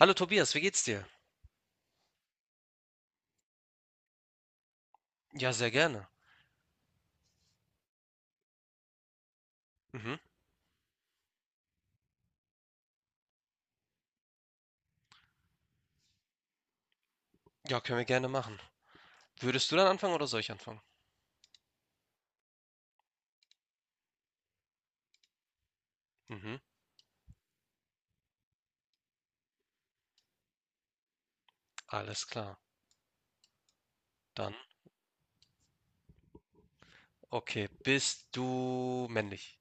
Hallo Tobias, wie geht's dir? Ja, sehr gerne. Mhm. Ja, können wir gerne machen. Würdest du dann anfangen oder soll ich anfangen? Mhm. Alles klar. Dann. Okay, bist du männlich?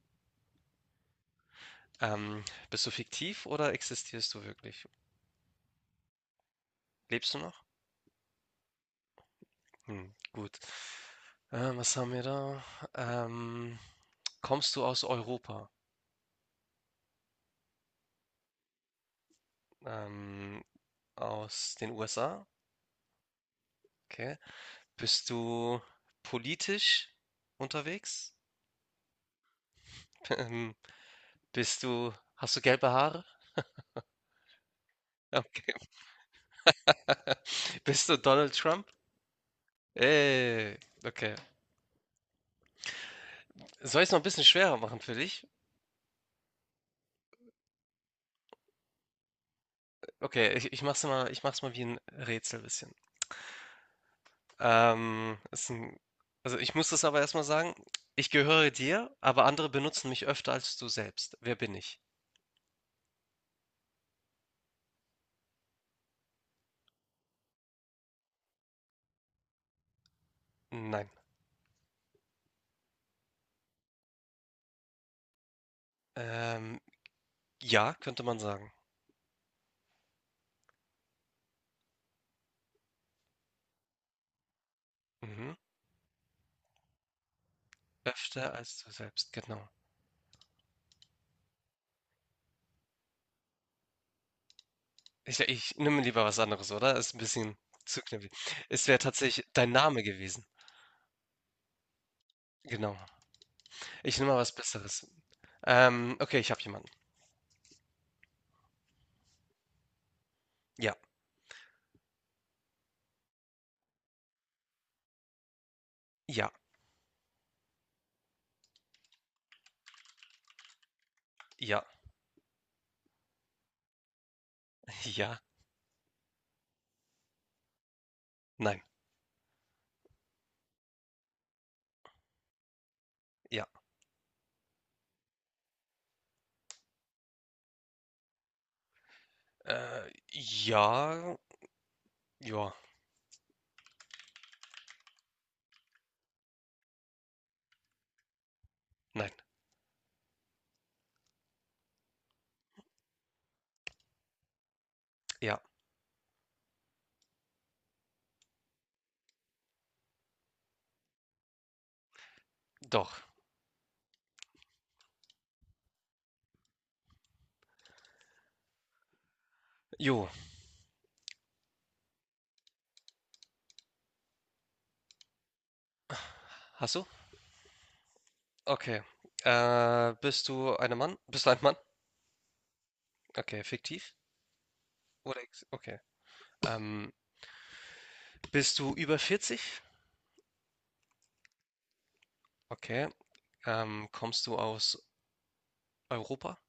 Ähm, bist du fiktiv oder existierst du wirklich? Lebst du noch? Hm, gut. Was haben wir da? Ähm, kommst du aus Europa? Ähm, aus den USA? Okay. Bist du politisch unterwegs? Ähm, hast du gelbe Haare? Okay. Bist du Donald Trump? Ey, okay. Soll ich es noch ein bisschen schwerer machen für dich? Okay, ich mach's mal wie ein Rätsel bisschen. Ähm, ist ein, also ich muss das aber erstmal sagen. Ich gehöre dir, aber andere benutzen mich öfter als du selbst. Wer bin ich? Nein. Ähm, ja, könnte man sagen. Mhm. Öfter als du selbst, genau. Ich nehme lieber was anderes, oder? Ist ein bisschen zu knifflig. Es wäre tatsächlich dein Name gewesen. Genau. Ich nehme mal was Besseres. Okay, ich habe jemanden. Ja, ja, ja, ja, nein, ja. Ja, ja, nein, ja, doch. Jo, hast du? Okay. Bist du ein Mann? Bist du ein Mann? Okay, fiktiv? Okay. Ähm, bist du über 40? Okay. Kommst du aus Europa?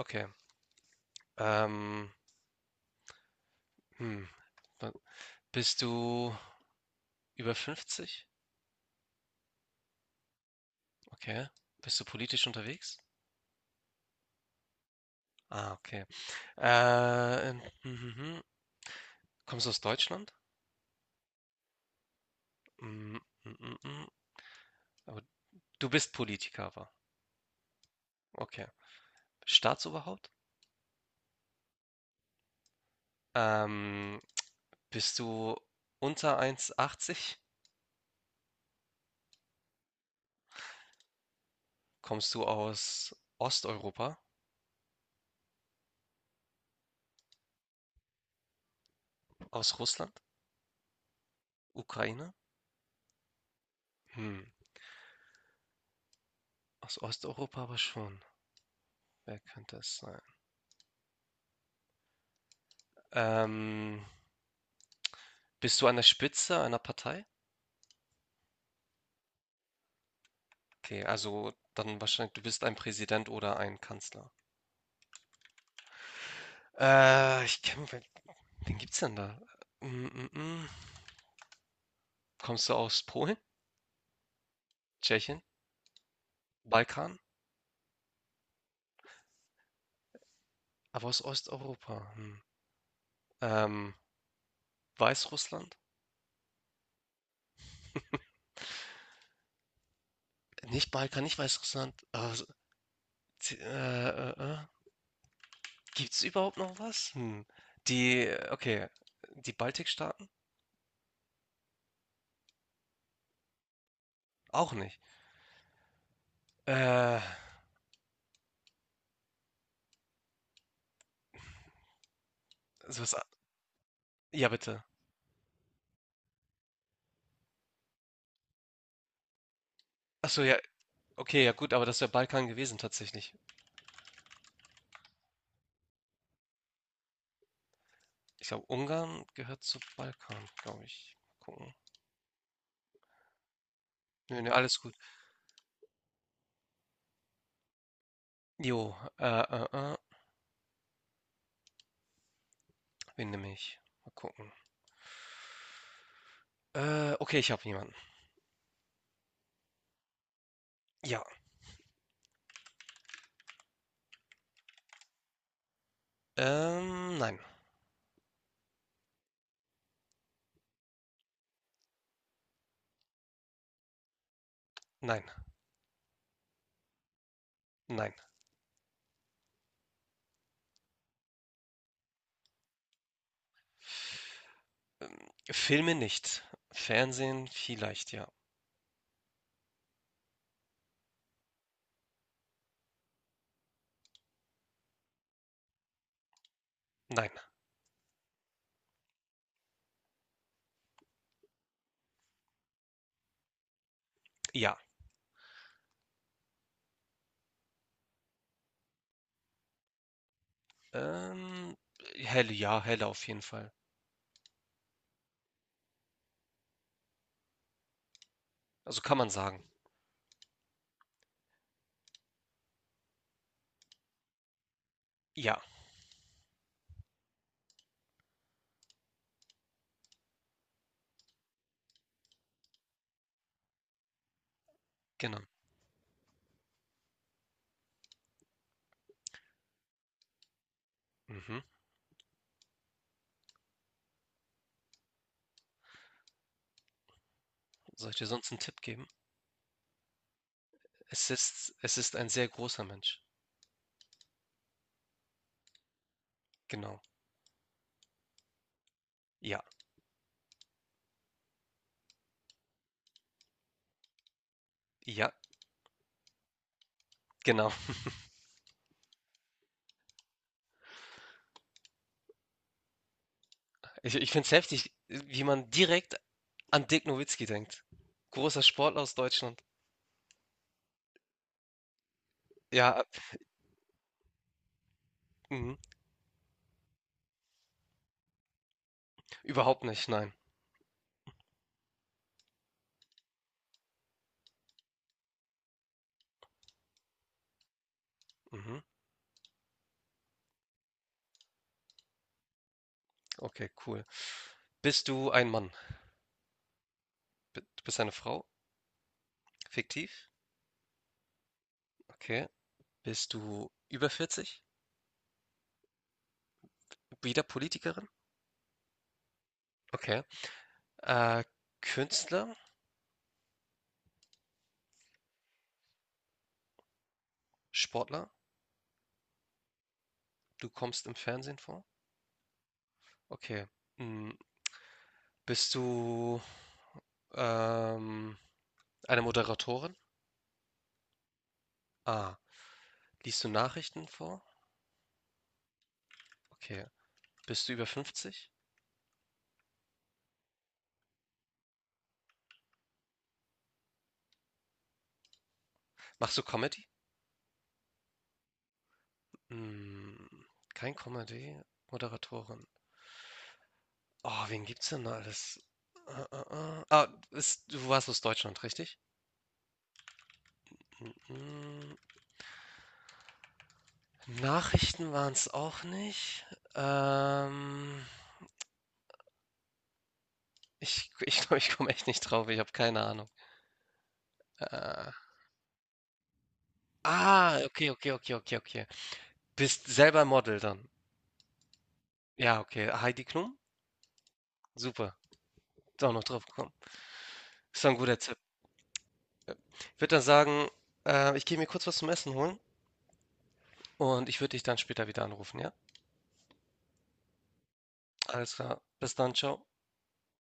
Okay. Ähm, hm. Wa- Bist du über 50? Okay. Bist du politisch unterwegs? Ah, okay. Äh, mhm, mhm, kommst du aus Deutschland? Mm, mm, mm, mm. Aber du bist Politiker, aber. Okay. Staatsoberhaupt? Ähm, bist du unter 1,80? Kommst du aus Osteuropa? Aus Russland? Ukraine? Hm, aus Osteuropa aber schon. Wer könnte es sein? Ähm, bist du an der Spitze einer Partei? Okay, also dann wahrscheinlich, du bist ein Präsident oder ein Kanzler. Ich kenne Wen gibt's denn da? Hm, hm, hm. Kommst du aus Polen, Tschechien, Balkan, aber aus Osteuropa? Hm. Ähm, Weißrussland? Nicht Balkan, nicht Weißrussland. Z- äh, äh, äh. Gibt's überhaupt noch was? Hm. Die, okay, die Baltikstaaten? Auch nicht. Äh, sowas, a- ja bitte. Achso, ja, okay, ja gut, aber das wäre Balkan gewesen tatsächlich. Ich glaube, Ungarn gehört zu Balkan, glaube ich. Gucken. Nö, nö, alles gut. Jo, Wen nehme ich? Mal gucken. Okay, ich habe jemanden. Ja. Nein. Nein. Nein. Filme nicht. Fernsehen vielleicht, ja. Nein. Ja. Ähm, helle, ja, helle auf jeden Fall. Also kann man sagen. Ja, genau. Mhm. Soll ich dir sonst einen Tipp geben? Es ist ein sehr großer Mensch. Genau. Ja. Ja, genau. Ich finde es heftig, wie man direkt an Dirk Nowitzki denkt. Großer Sportler aus Deutschland. Ja, mhm. Überhaupt nicht, nein. Mhm. Okay, cool. Bist du ein Mann? Du bist eine Frau? Fiktiv? Okay. Bist du über 40? Wieder Politikerin? Okay. Äh, Künstler? Sportler? Du kommst im Fernsehen vor? Okay. Mm, Bist du ähm, eine Moderatorin? Ah. Liest du Nachrichten vor? Okay. Bist du über fünfzig? Machst du Comedy? Mm, Kein Comedy. Moderatorin. Oh, wen gibt's denn da alles? Ah, du warst aus Deutschland, richtig? Mhm. Nachrichten waren's auch nicht. Ähm, ich glaube, ich komme echt nicht drauf. Ich habe keine Ahnung. Äh, ah, okay, okay, okay, okay, okay. Bist selber Model dann. Ja, okay. Heidi Klum? Super. Ist auch noch drauf gekommen. Ist doch ein guter Tipp. Ich würde dann sagen, ich gehe mir kurz was zum Essen holen und ich würde dich dann später wieder anrufen, ja? Alles klar. Bis dann, ciao.